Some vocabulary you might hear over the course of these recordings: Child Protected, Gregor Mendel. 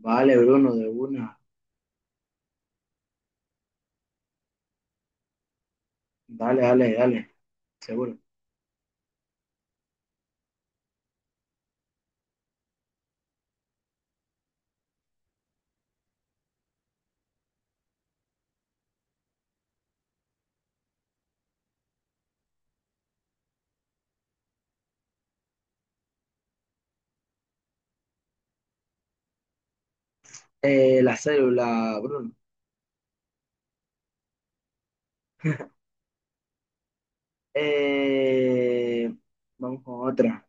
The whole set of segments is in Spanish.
Vale, Bruno, de una. Dale, dale, dale, seguro. La célula, Bruno. Eh, Vamos con otra.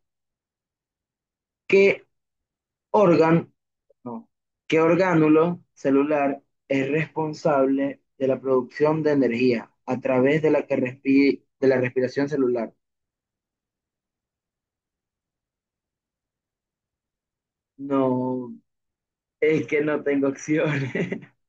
¿Qué órgano, no, qué orgánulo celular es responsable de la producción de energía a través de la respiración celular? No, es que no tengo opciones.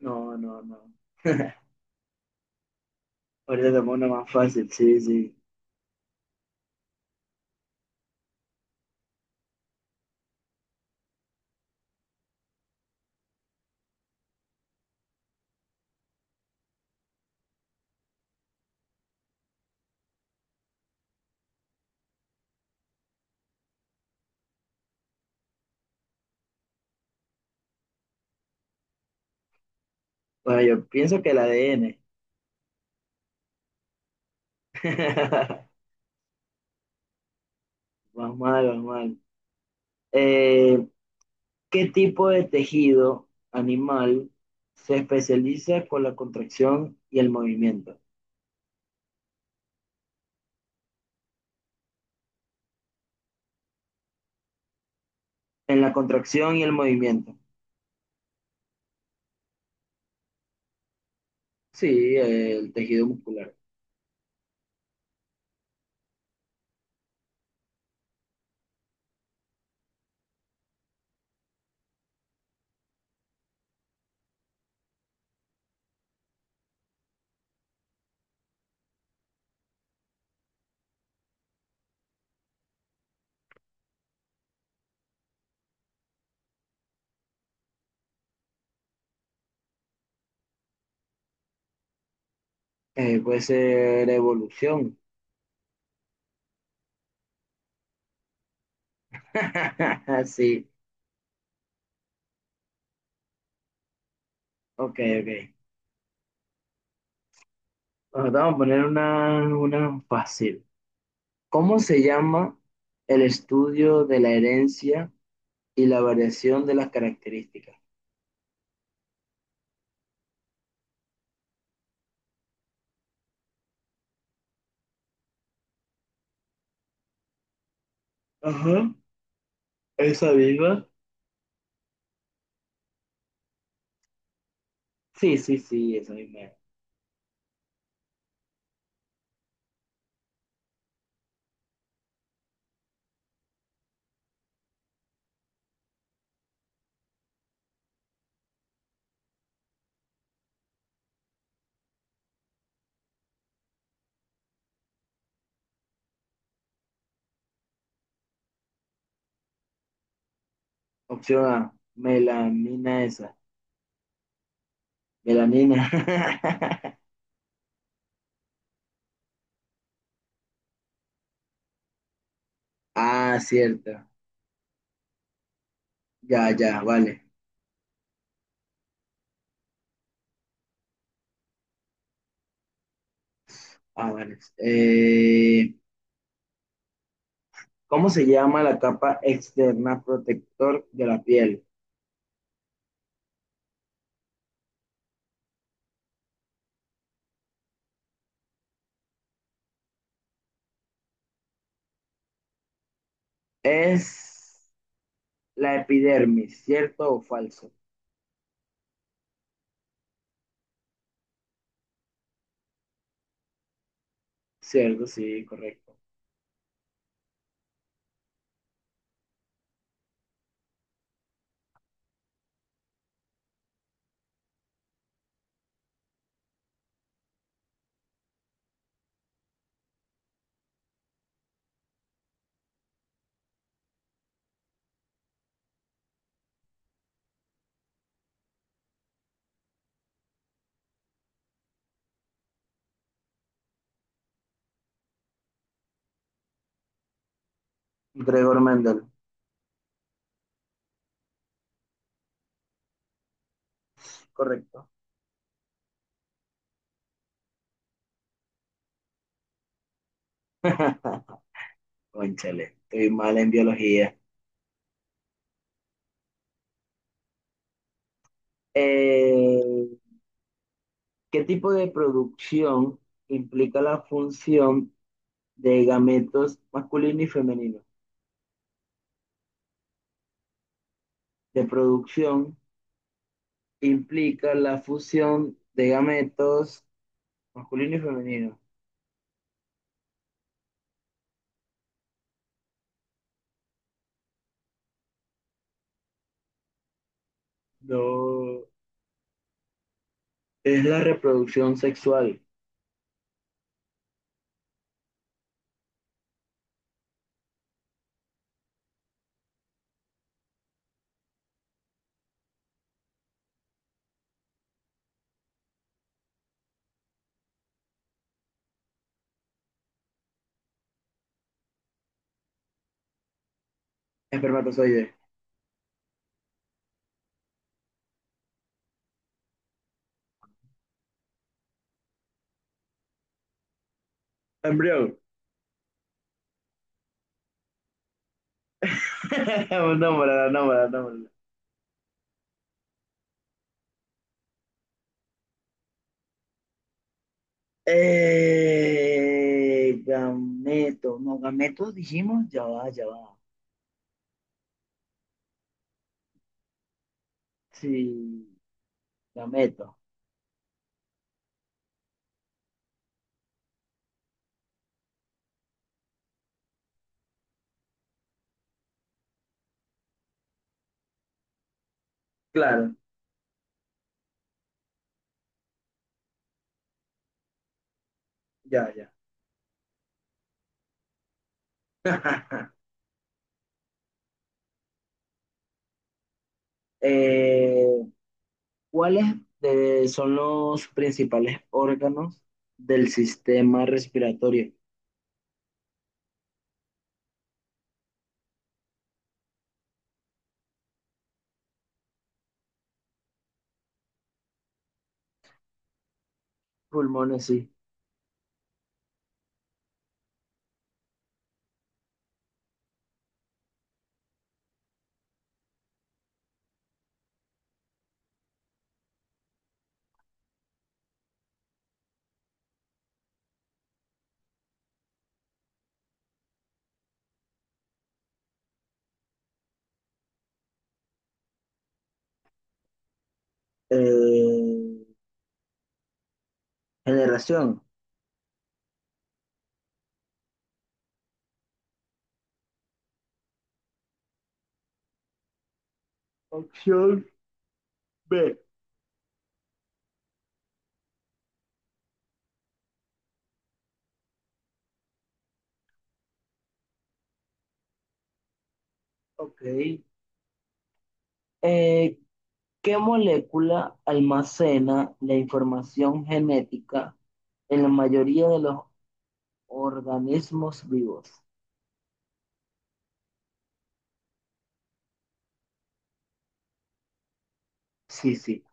No, no, no. Ahorita te pongo una más fácil, sí, sí. Bueno, yo pienso que el ADN. Más mal, más mal. Eh, ¿Qué tipo de tejido animal se especializa con la contracción y el movimiento? En la contracción y el movimiento. Sí, el tejido muscular. Puede ser evolución. Sí, ok, ok. Bueno, te vamos a poner una fácil. ¿Cómo se llama el estudio de la herencia y la variación de las características? Ajá, esa misma. Sí, sí, sí, esa misma. Opción A, melamina esa. Melanina. Ah, cierto. Ya, ya, vale. Ah, vale. ¿Cómo se llama la capa externa protector de la piel? Es la epidermis, ¿cierto o falso? Cierto, sí, correcto. Gregor Mendel, correcto. Cónchale, estoy mal en biología. Eh, ¿Qué tipo de producción implica la función de gametos masculino y femenino? De producción implica la fusión de gametos masculino y femenino. No, es la reproducción sexual. Espermatozoide. Embrión. Nómbrala, nómbrala, nómbrala. Gameto. No, gameto dijimos, ya va, ya va. Sí, gameto. Claro, ya, ya. Eh, ¿Cuáles son los principales órganos del sistema respiratorio? Pulmones, sí. Eh, Generación. Opción B. Ok. Eh, ¿Qué molécula almacena la información genética en la mayoría de los organismos vivos? Sí, sí.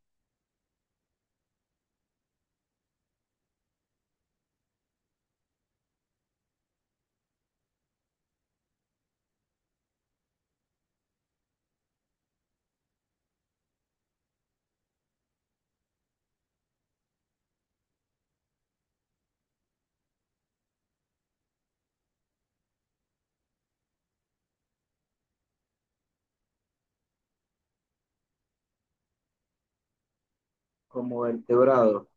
Como vertebrado,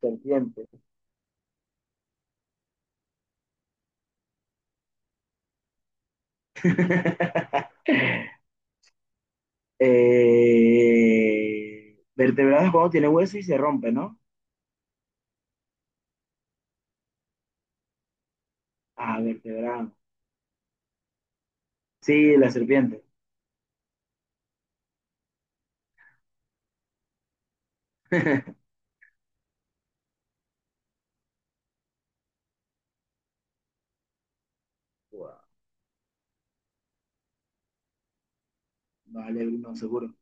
serpiente. Vertebrados cuando tiene hueso y se rompe, ¿no? Ah, vertebrado. Sí, la serpiente. Wow. Vale, no, seguro.